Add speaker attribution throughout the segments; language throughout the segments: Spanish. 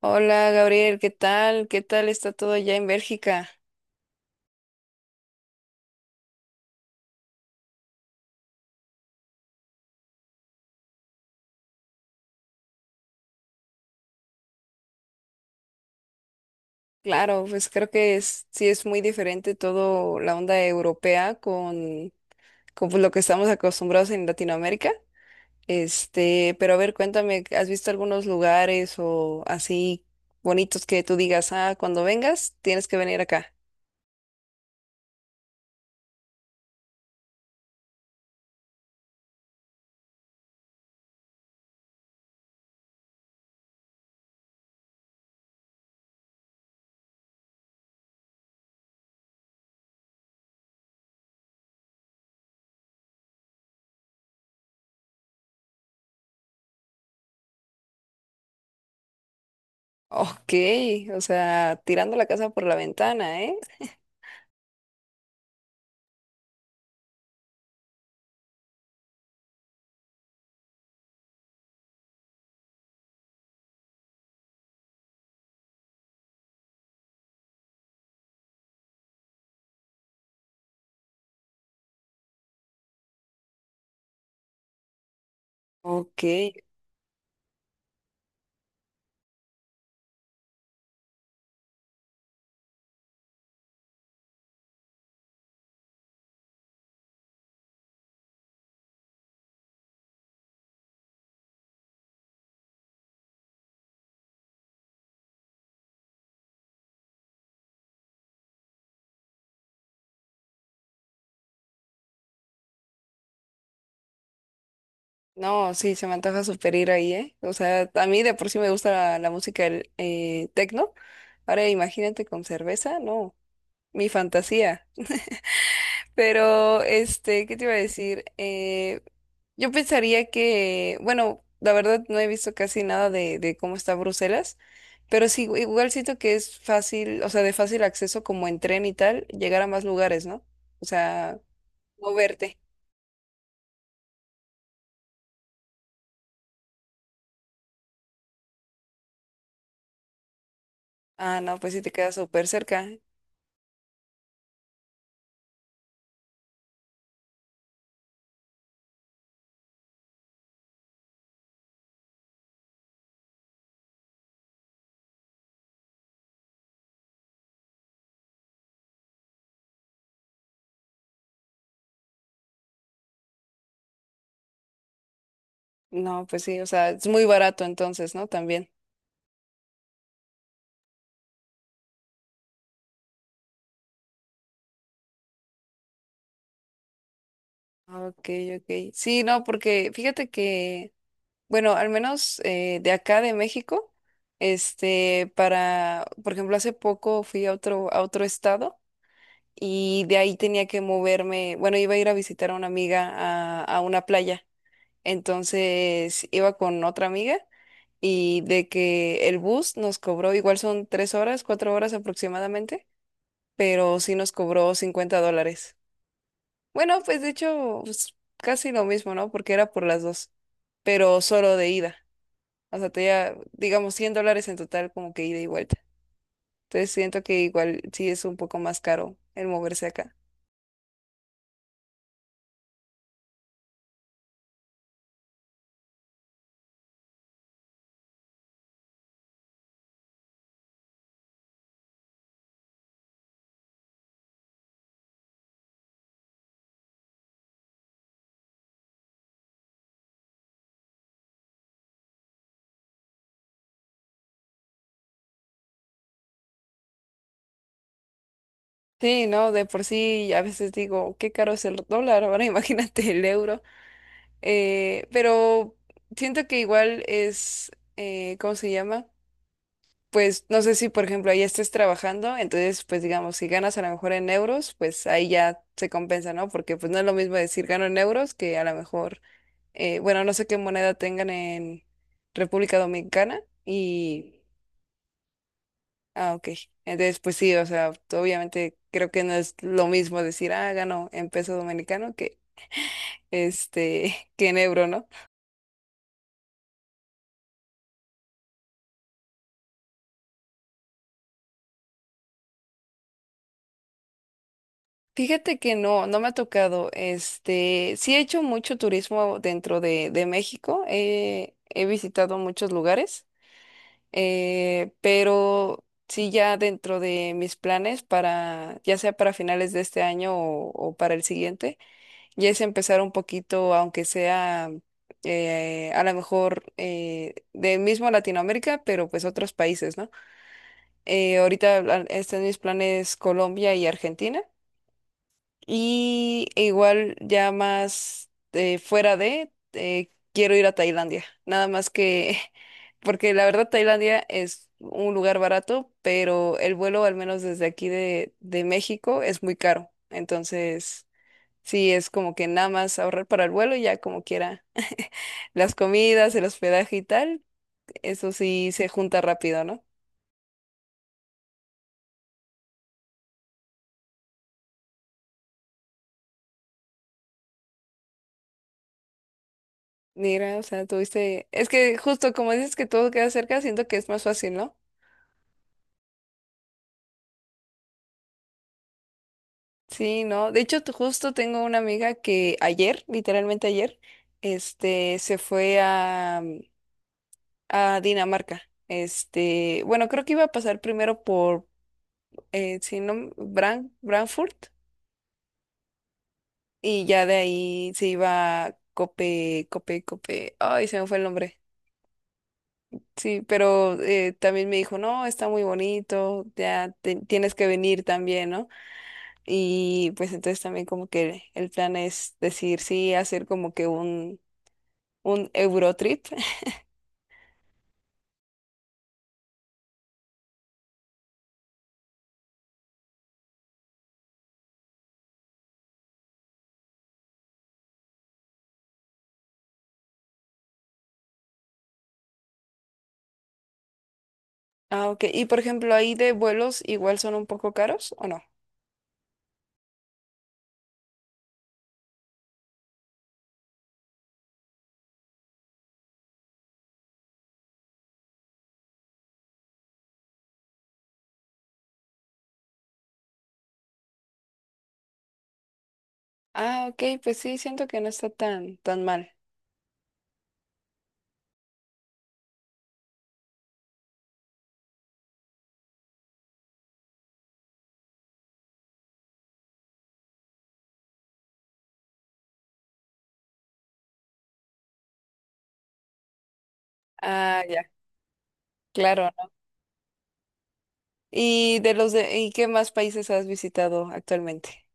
Speaker 1: Hola Gabriel, ¿qué tal? ¿Qué tal está todo allá en Bélgica? Claro, pues creo que es, sí es muy diferente todo la onda europea con pues, lo que estamos acostumbrados en Latinoamérica. Este, pero a ver, cuéntame, ¿has visto algunos lugares o así bonitos que tú digas, ah, cuando vengas tienes que venir acá? Ok, o sea, tirando la casa por la ventana, ¿eh? Ok. No, sí, se me antoja super ir ahí, ¿eh? O sea, a mí de por sí me gusta la, la música tecno. Ahora imagínate con cerveza, no, mi fantasía. Pero, este, ¿qué te iba a decir? Yo pensaría que, bueno, la verdad no he visto casi nada de, de cómo está Bruselas, pero sí, igual siento que es fácil, o sea, de fácil acceso como en tren y tal, llegar a más lugares, ¿no? O sea, moverte. Ah, no, pues sí te queda súper cerca. No, pues sí, o sea, es muy barato entonces, ¿no? También. Ah, ok, ok. Sí, no, porque fíjate que, bueno, al menos de acá de México, este, para, por ejemplo, hace poco fui a otro estado y de ahí tenía que moverme, bueno, iba a ir a visitar a una amiga a una playa, entonces iba con otra amiga y de que el bus nos cobró, igual son tres horas, cuatro horas aproximadamente, pero sí nos cobró $50. Bueno, pues de hecho, pues, casi lo mismo, ¿no? Porque era por las dos, pero solo de ida. O sea, te ya, digamos, $100 en total como que ida y vuelta. Entonces siento que igual sí es un poco más caro el moverse acá. Sí, ¿no? De por sí a veces digo, qué caro es el dólar, ahora imagínate el euro. Pero siento que igual es, ¿cómo se llama? Pues no sé si, por ejemplo, ahí estés trabajando, entonces, pues digamos, si ganas a lo mejor en euros, pues ahí ya se compensa, ¿no? Porque pues no es lo mismo decir gano en euros que a lo mejor, bueno, no sé qué moneda tengan en República Dominicana y, ah, ok. Entonces, pues sí, o sea, obviamente creo que no es lo mismo decir, ah, gano en peso dominicano que, este, que en euro, ¿no? Fíjate que no, no me ha tocado. Este, sí he hecho mucho turismo dentro de México. He visitado muchos lugares, pero sí ya dentro de mis planes para, ya sea para finales de este año o para el siguiente, ya es empezar un poquito, aunque sea a lo mejor de mismo Latinoamérica, pero pues otros países, ¿no? Ahorita ah, están mis planes Colombia y Argentina. Y igual ya más fuera de, quiero ir a Tailandia. Nada más que, porque la verdad Tailandia es un lugar barato, pero el vuelo, al menos desde aquí de México, es muy caro. Entonces, sí, es como que nada más ahorrar para el vuelo y ya como quiera. Las comidas, el hospedaje y tal, eso sí se junta rápido, ¿no? Mira, o sea, tuviste, es que justo como dices que todo queda cerca, siento que es más fácil, ¿no? Sí, no. De hecho, t- justo tengo una amiga que ayer, literalmente ayer, este, se fue a, mm, a Dinamarca. Este, bueno, creo que iba a pasar primero por, si no, m- Bran- Frankfurt, y ya de ahí se iba a Cope, Cope, Cope. Ay, se me fue el nombre. Sí, pero también me dijo, no, está muy bonito, ya te- tienes que venir también, ¿no? Y pues entonces también como que el plan es decir, sí, hacer como que un Eurotrip. Ah, ok. Y por ejemplo, ahí de vuelos igual son un poco caros, ¿o no? Ah, ok, pues sí, siento que no está tan, tan mal. Ah, ya, claro, ¿no? ¿Y de los de, y qué más países has visitado actualmente?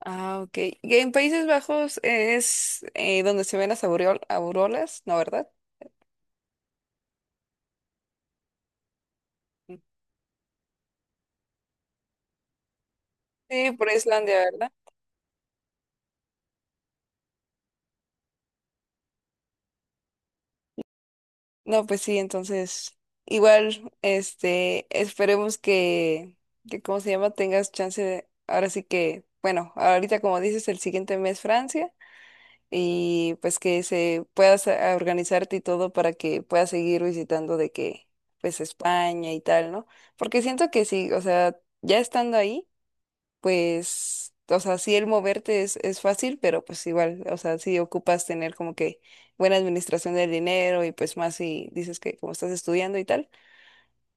Speaker 1: Ah, ok. Y en Países Bajos es donde se ven las aureo- auroras, ¿no, verdad? Sí, por Islandia, ¿verdad? No, pues sí, entonces igual, este, esperemos que ¿cómo se llama? Tengas chance de, ahora sí que, bueno, ahorita como dices, el siguiente mes Francia y pues que se puedas a- organizarte y todo para que puedas seguir visitando de que, pues España y tal, ¿no? Porque siento que sí, o sea, ya estando ahí pues, o sea, sí el moverte es fácil, pero pues igual, o sea, sí ocupas tener como que buena administración del dinero y pues más si dices que como estás estudiando y tal,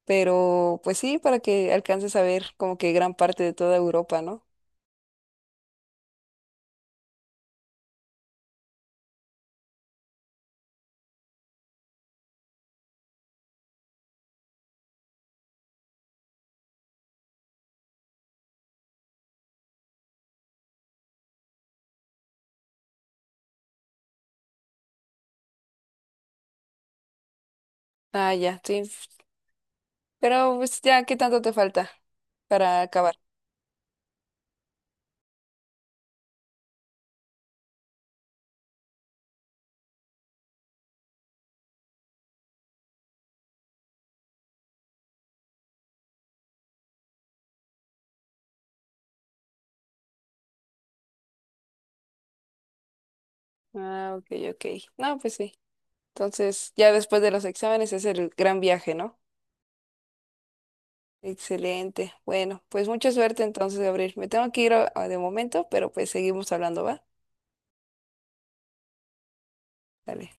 Speaker 1: pero pues sí, para que alcances a ver como que gran parte de toda Europa, ¿no? Ah, ya, sí. Pero pues ya, ¿qué tanto te falta para acabar? Ah, ok, ok. No, pues sí. Entonces, ya después de los exámenes es el gran viaje, ¿no? Excelente. Bueno, pues mucha suerte entonces, Gabriel. Me tengo que ir a- de momento, pero pues seguimos hablando, ¿va? Dale.